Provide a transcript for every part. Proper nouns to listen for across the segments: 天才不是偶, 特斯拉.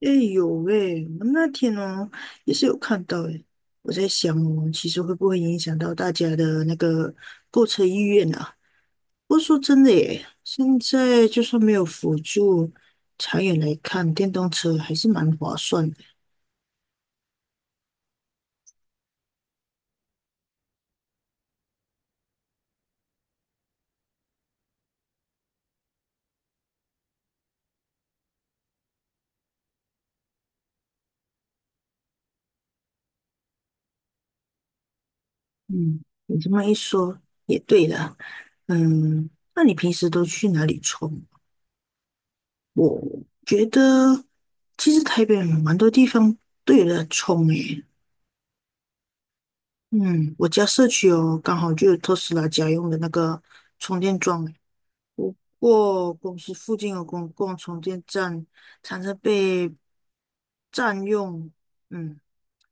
哎有喂，我那天哦也是有看到诶，我在想哦，其实会不会影响到大家的那个购车意愿啊？不过说真的耶，现在就算没有辅助，长远来看，电动车还是蛮划算的。嗯，你这么一说也对啦。嗯，那你平时都去哪里充？我觉得其实台北蛮多地方都有的充诶，嗯，我家社区哦，刚好就有特斯拉家用的那个充电桩诶不过公司附近有公共充电站，常常被占用，嗯，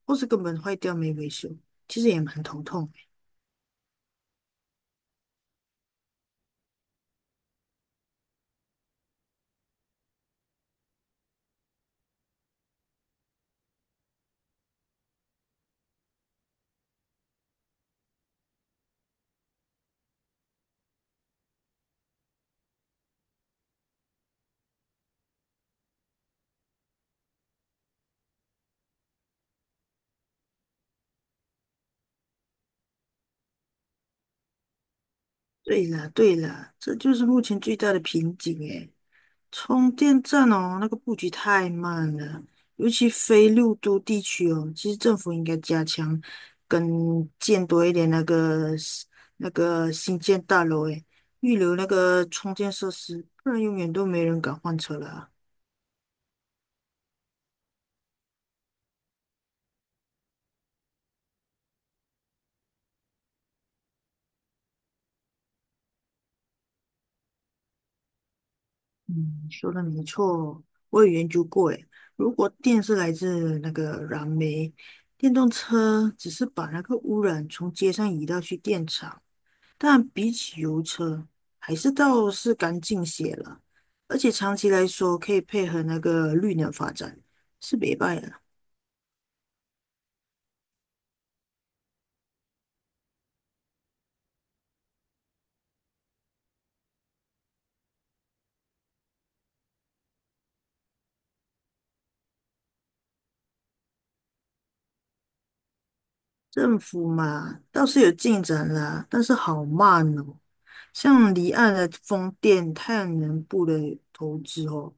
或是根本坏掉没维修，其实也蛮头痛对啦，对啦，这就是目前最大的瓶颈诶。充电站哦，那个布局太慢了，尤其非六都地区哦，其实政府应该加强跟建多一点那个新建大楼，诶，预留那个充电设施，不然永远都没人敢换车了啊。嗯，说的没错，我有研究过，诶，如果电是来自那个燃煤，电动车只是把那个污染从街上移到去电厂。但比起油车，还是倒是干净些了，而且长期来说可以配合那个绿能发展，是没败了。政府嘛，倒是有进展啦，但是好慢哦。像离岸的风电、太阳能部的投资哦，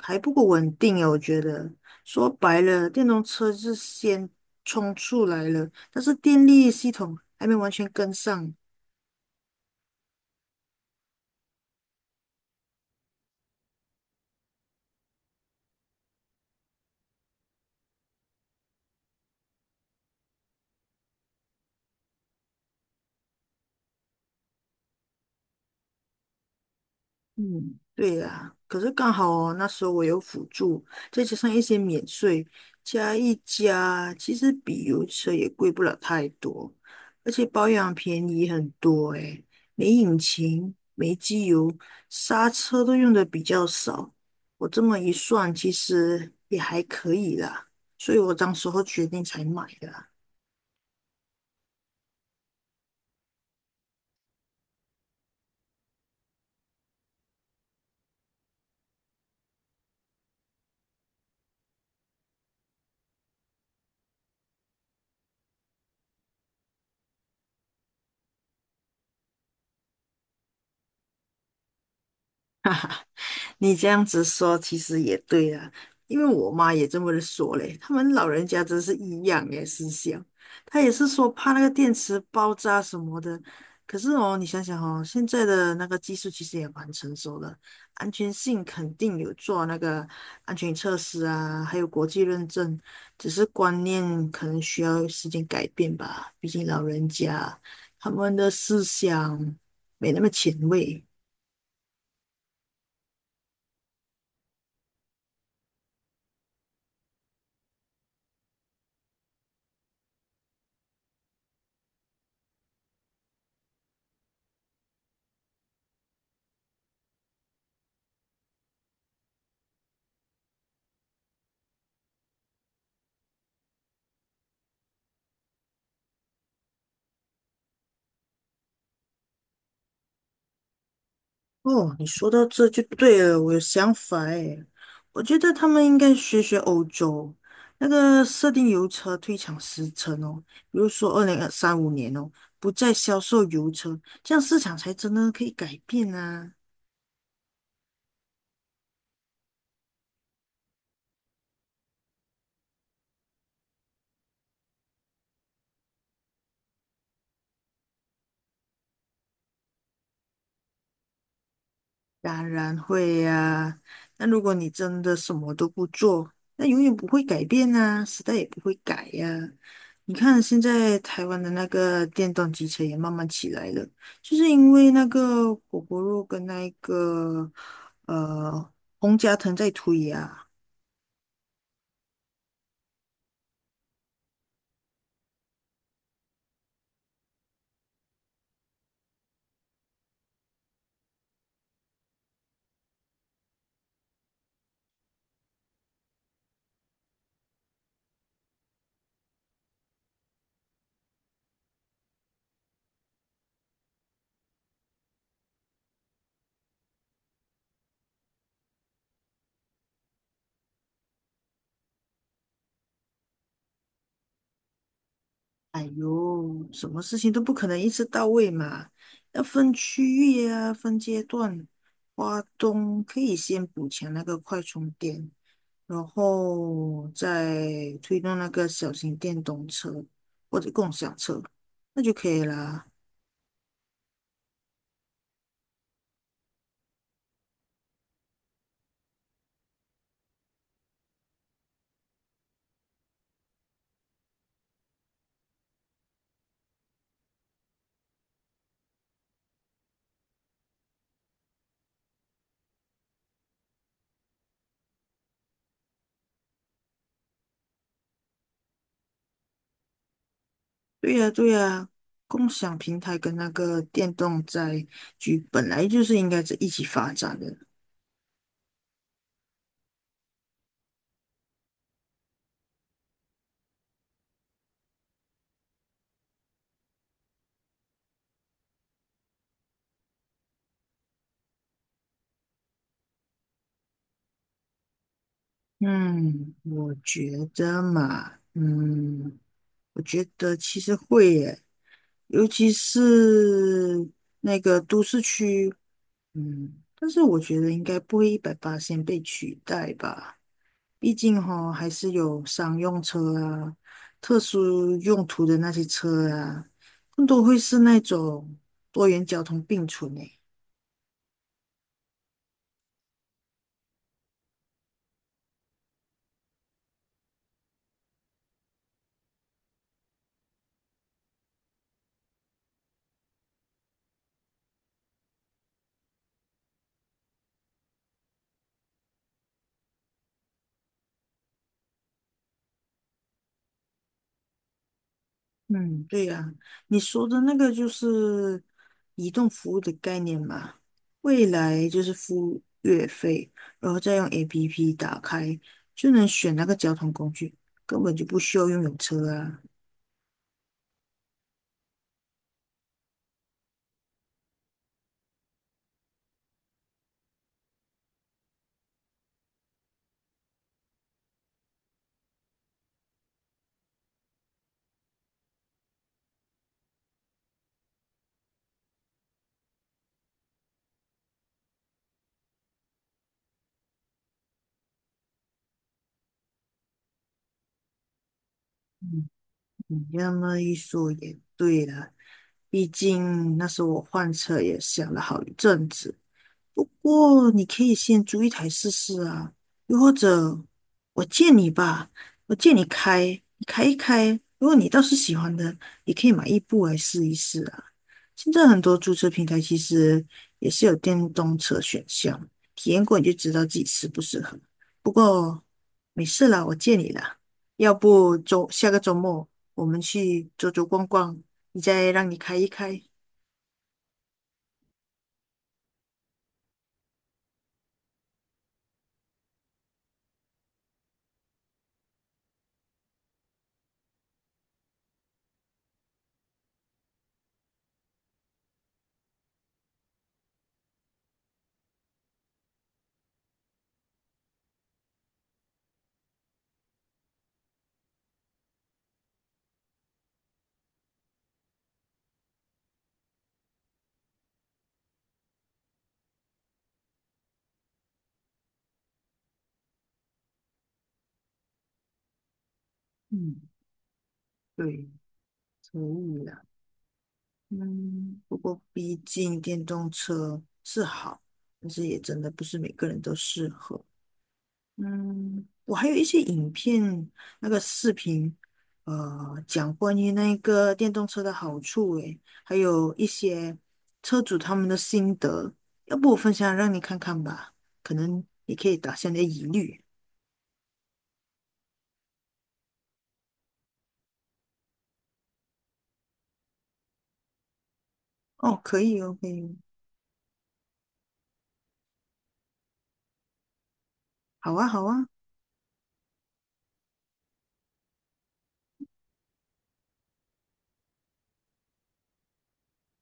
还不够稳定啊，我觉得。说白了，电动车是先冲出来了，但是电力系统还没完全跟上，嗯，对呀，可是刚好哦，那时候我有辅助，再加上一些免税，加一加，其实比油车也贵不了太多，而且保养便宜很多诶，没引擎，没机油，刹车都用的比较少，我这么一算，其实也还可以啦，所以我当时候决定才买的。你这样子说其实也对啊，因为我妈也这么说嘞，他们老人家真是一样诶思想，她也是说怕那个电池爆炸什么的。可是哦，你想想哦，现在的那个技术其实也蛮成熟的，安全性肯定有做那个安全测试啊，还有国际认证，只是观念可能需要时间改变吧，毕竟老人家他们的思想没那么前卫。哦，你说到这就对了，我有想法诶，我觉得他们应该学学欧洲那个设定油车退场时程哦，比如说二零二三五年哦，不再销售油车，这样市场才真的可以改变啊。当然会呀、那如果你真的什么都不做，那永远不会改变啊，时代也不会改呀、你看现在台湾的那个电动机车也慢慢起来了，就是因为那个果果肉跟那个呃洪家腾在推呀、哎呦，什么事情都不可能一次到位嘛，要分区域啊，分阶段。花东可以先补强那个快充电。然后再推动那个小型电动车或者共享车，那就可以啦。对呀，对呀，共享平台跟那个电动载具本来就是应该是一起发展的。嗯，我觉得嘛，嗯，我觉得其实会耶，尤其是那个都市区，嗯，但是我觉得应该不会一百八先被取代吧。毕竟哈、还是有商用车啊、特殊用途的那些车啊，更多会是那种多元交通并存诶。嗯，对呀、你说的那个就是移动服务的概念嘛，未来就是付月费，然后再用 APP 打开，就能选那个交通工具，根本就不需要拥有车啊。嗯，你这么一说也对了。毕竟那时候我换车也想了好一阵子，不过你可以先租一台试试啊，又或者我借你吧，我借你开，你开一开。如果你倒是喜欢的，也可以买一部来试一试啊。现在很多租车平台其实也是有电动车选项，体验过你就知道自己适不适合。不过没事啦，我借你啦。要不周下个周末我们去走走逛逛，你再让你开一开。嗯，对，可以啦。嗯，不过毕竟电动车是好，但是也真的不是每个人都适合。嗯，我还有一些影片，那个视频，呃，讲关于那个电动车的好处，诶，还有一些车主他们的心得，要不我分享让你看看吧，可能也可以打消你的疑虑。哦，可以哦，可以哦好啊，好啊，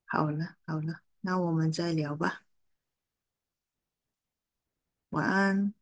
好了，好了，那我们再聊吧，晚安。